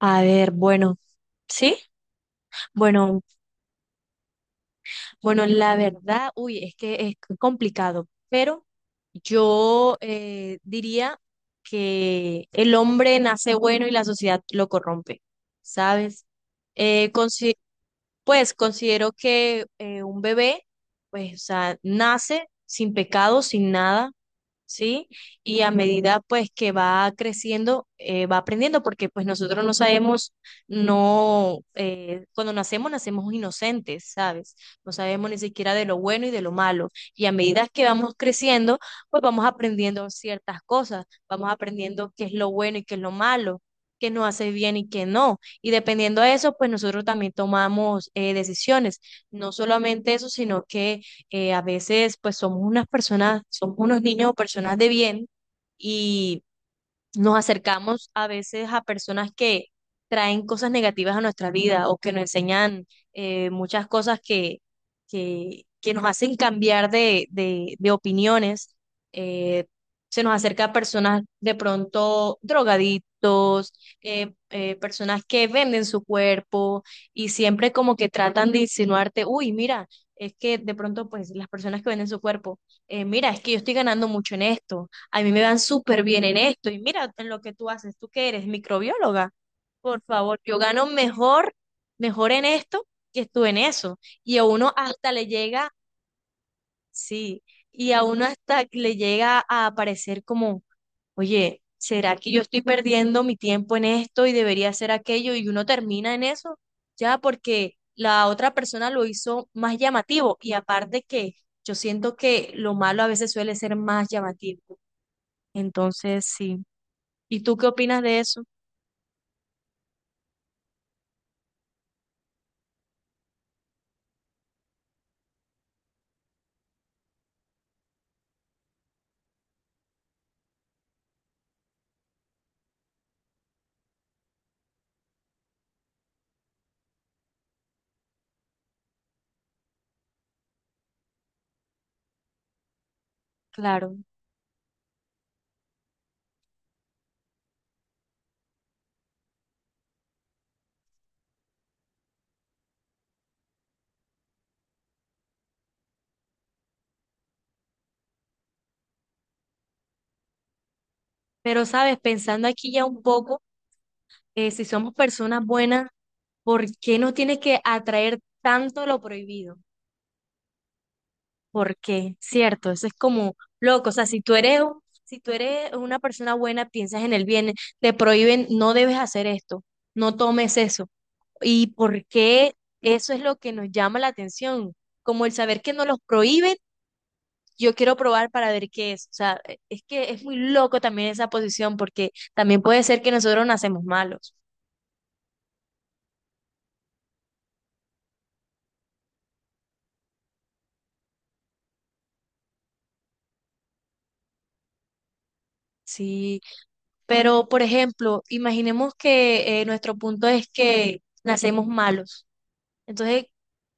A ver, bueno, sí, bueno, bueno, la verdad, uy, es que es complicado, pero yo diría que el hombre nace bueno y la sociedad lo corrompe, ¿sabes? Eh, consi- pues considero que un bebé, pues, o sea, nace sin pecado, sin nada, ¿sí? Y a medida pues que va creciendo, va aprendiendo, porque pues nosotros no sabemos, no, cuando nacemos, nacemos inocentes, ¿sabes? No sabemos ni siquiera de lo bueno y de lo malo. Y a medida que vamos creciendo, pues vamos aprendiendo ciertas cosas, vamos aprendiendo qué es lo bueno y qué es lo malo, qué nos hace bien y qué no. Y dependiendo de eso, pues nosotros también tomamos decisiones. No solamente eso, sino que a veces pues somos unas personas, somos unos niños o personas de bien y nos acercamos a veces a personas que traen cosas negativas a nuestra vida o que nos enseñan muchas cosas que nos hacen cambiar de opiniones. Eh, Se nos acerca a personas de pronto drogadictos, personas que venden su cuerpo y siempre como que tratan de insinuarte, uy, mira, es que de pronto pues las personas que venden su cuerpo, mira, es que yo estoy ganando mucho en esto, a mí me van súper bien en esto. Y mira en lo que tú haces, tú que eres microbióloga, por favor, yo gano mejor, mejor en esto que tú en eso. Y a uno hasta le llega, sí, y a uno hasta le llega a aparecer como, oye, ¿será que yo estoy perdiendo mi tiempo en esto y debería hacer aquello? Y uno termina en eso, ya porque la otra persona lo hizo más llamativo. Y aparte que yo siento que lo malo a veces suele ser más llamativo. Entonces, sí. ¿Y tú qué opinas de eso? Claro. Pero, sabes, pensando aquí ya un poco, si somos personas buenas, ¿por qué nos tiene que atraer tanto lo prohibido? ¿Por qué? ¿Cierto? Eso es como loco. O sea, si tú eres una persona buena, piensas en el bien, te prohíben, no debes hacer esto, no tomes eso. ¿Y por qué eso es lo que nos llama la atención? Como el saber que nos los prohíben, yo quiero probar para ver qué es. O sea, es que es muy loco también esa posición, porque también puede ser que nosotros nacemos malos, sí. Pero, por ejemplo, imaginemos que nuestro punto es que nacemos malos. Entonces,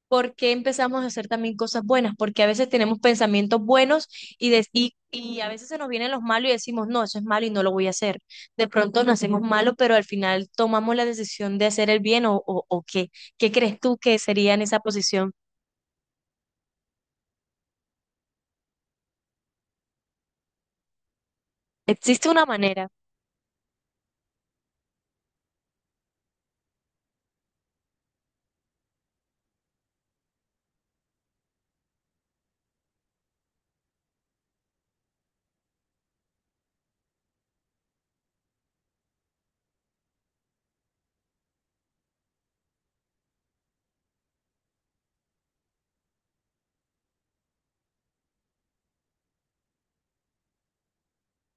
¿por qué empezamos a hacer también cosas buenas? Porque a veces tenemos pensamientos buenos y a veces se nos vienen los malos y decimos, no, eso es malo y no lo voy a hacer. De pronto nacemos malos, pero al final tomamos la decisión de hacer el bien o qué. ¿Qué crees tú que sería en esa posición? Existe una manera,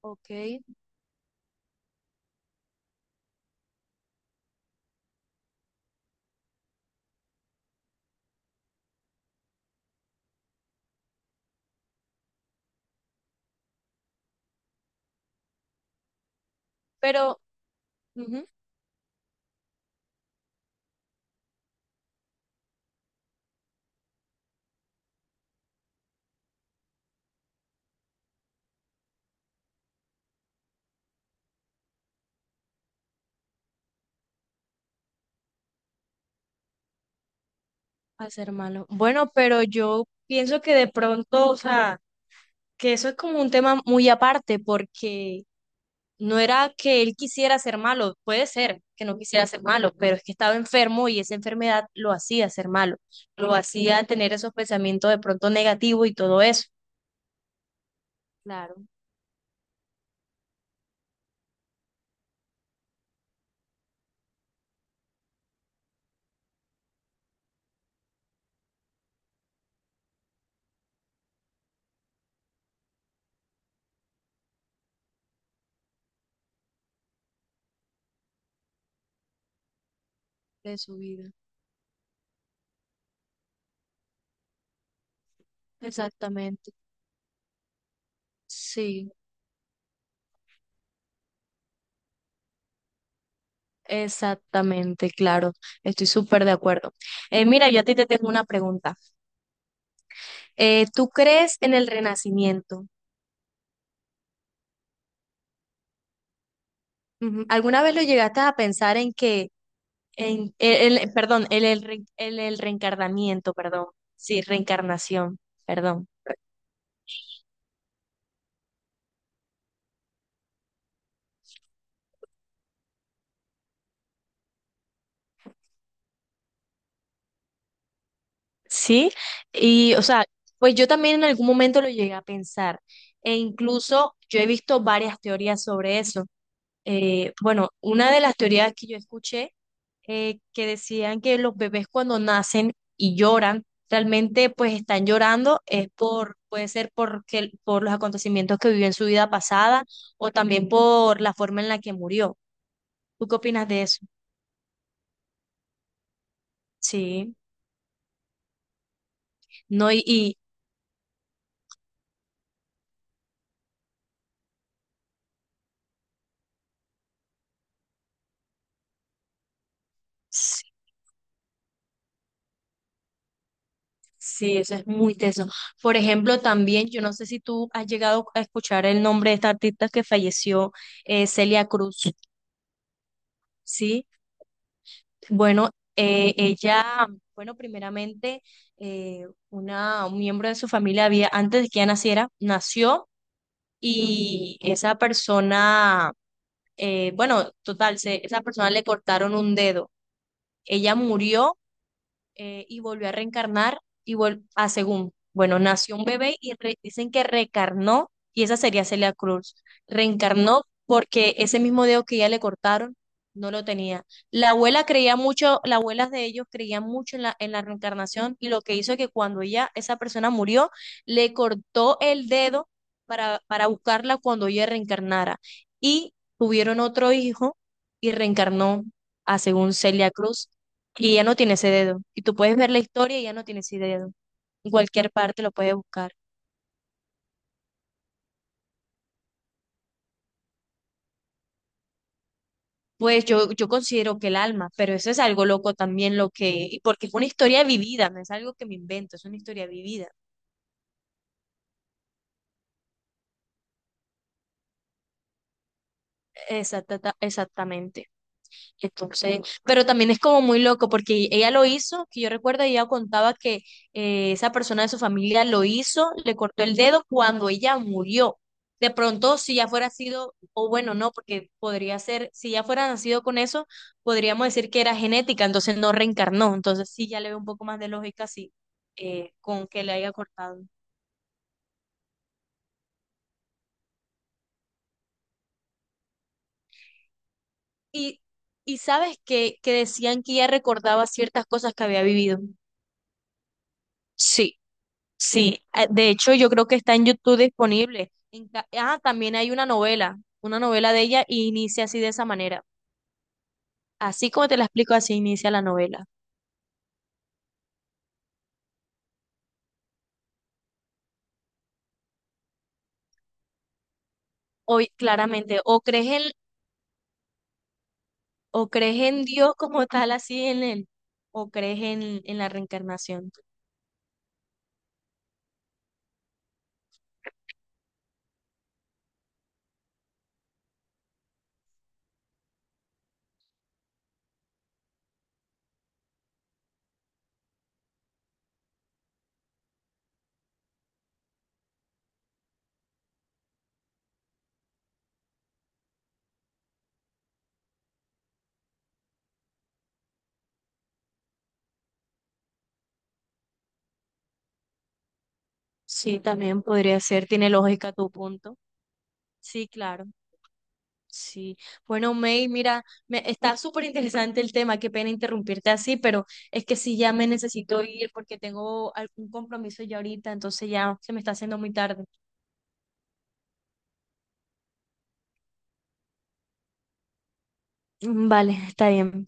ok, pero ujú, hacer malo. Bueno, pero yo pienso que de pronto, o sea, que eso es como un tema muy aparte, porque no era que él quisiera ser malo, puede ser que no quisiera ser malo, pero es que estaba enfermo y esa enfermedad lo hacía ser malo, lo hacía tener esos pensamientos de pronto negativos y todo eso. Claro, de su vida. Exactamente. Sí, exactamente, claro. Estoy súper de acuerdo. Mira, yo a ti te tengo una pregunta. ¿Tú crees en el renacimiento? Ujú. ¿Alguna vez lo llegaste a pensar en que, perdón, el reencarnamiento, perdón, sí, reencarnación, perdón, sí? Y, o sea, pues yo también en algún momento lo llegué a pensar, e incluso yo he visto varias teorías sobre eso. Bueno, una de las teorías que yo escuché que decían que los bebés cuando nacen y lloran, realmente pues están llorando, es por, puede ser porque, por los acontecimientos que vivió en su vida pasada o también por la forma en la que murió. ¿Tú qué opinas de eso? Sí, no, y sí, sí, eso es muy teso. Por ejemplo, también, yo no sé si tú has llegado a escuchar el nombre de esta artista que falleció, Celia Cruz, ¿sí? Bueno, ella, bueno, primeramente, un miembro de su familia había, antes de que ella naciera, nació y esa persona, bueno, total, esa persona le cortaron un dedo. Ella murió y volvió a reencarnar y vol a según, bueno, nació un bebé y re- dicen que reencarnó y esa sería Celia Cruz. Reencarnó porque ese mismo dedo que ya le cortaron no lo tenía. La abuela creía mucho, las abuelas de ellos creían mucho en la reencarnación, y lo que hizo es que cuando ella, esa persona murió, le cortó el dedo para buscarla cuando ella reencarnara. Y tuvieron otro hijo y reencarnó a según Celia Cruz y ya no tiene ese dedo. Y tú puedes ver la historia y ya no tiene ese dedo. En cualquier parte lo puedes buscar. Pues yo considero que el alma, pero eso es algo loco también lo que, porque es una historia vivida, no es algo que me invento, es una historia vivida. Exactamente. Entonces, pero también es como muy loco porque ella lo hizo, que yo recuerdo, ella contaba que esa persona de su familia lo hizo, le cortó el dedo cuando ella murió. De pronto, si ya fuera sido, o bueno, no, porque podría ser, si ya fuera nacido con eso, podríamos decir que era genética, entonces no reencarnó. Entonces sí, ya le veo un poco más de lógica, sí, con que le haya cortado. Y, y sabes que decían que ella recordaba ciertas cosas que había vivido. Sí. Sí, de hecho yo creo que está en YouTube disponible. También hay una novela, de ella y inicia así de esa manera. Así como te la explico, así inicia la novela. Hoy, claramente, o crees en Dios como tal, así en él, o crees en la reencarnación. Sí, también podría ser, tiene lógica tu punto. Sí, claro. Sí, bueno, May, mira, está súper interesante el tema, qué pena interrumpirte así, pero es que sí, ya me necesito ir porque tengo algún compromiso ya ahorita, entonces ya se me está haciendo muy tarde. Mm, vale, está bien.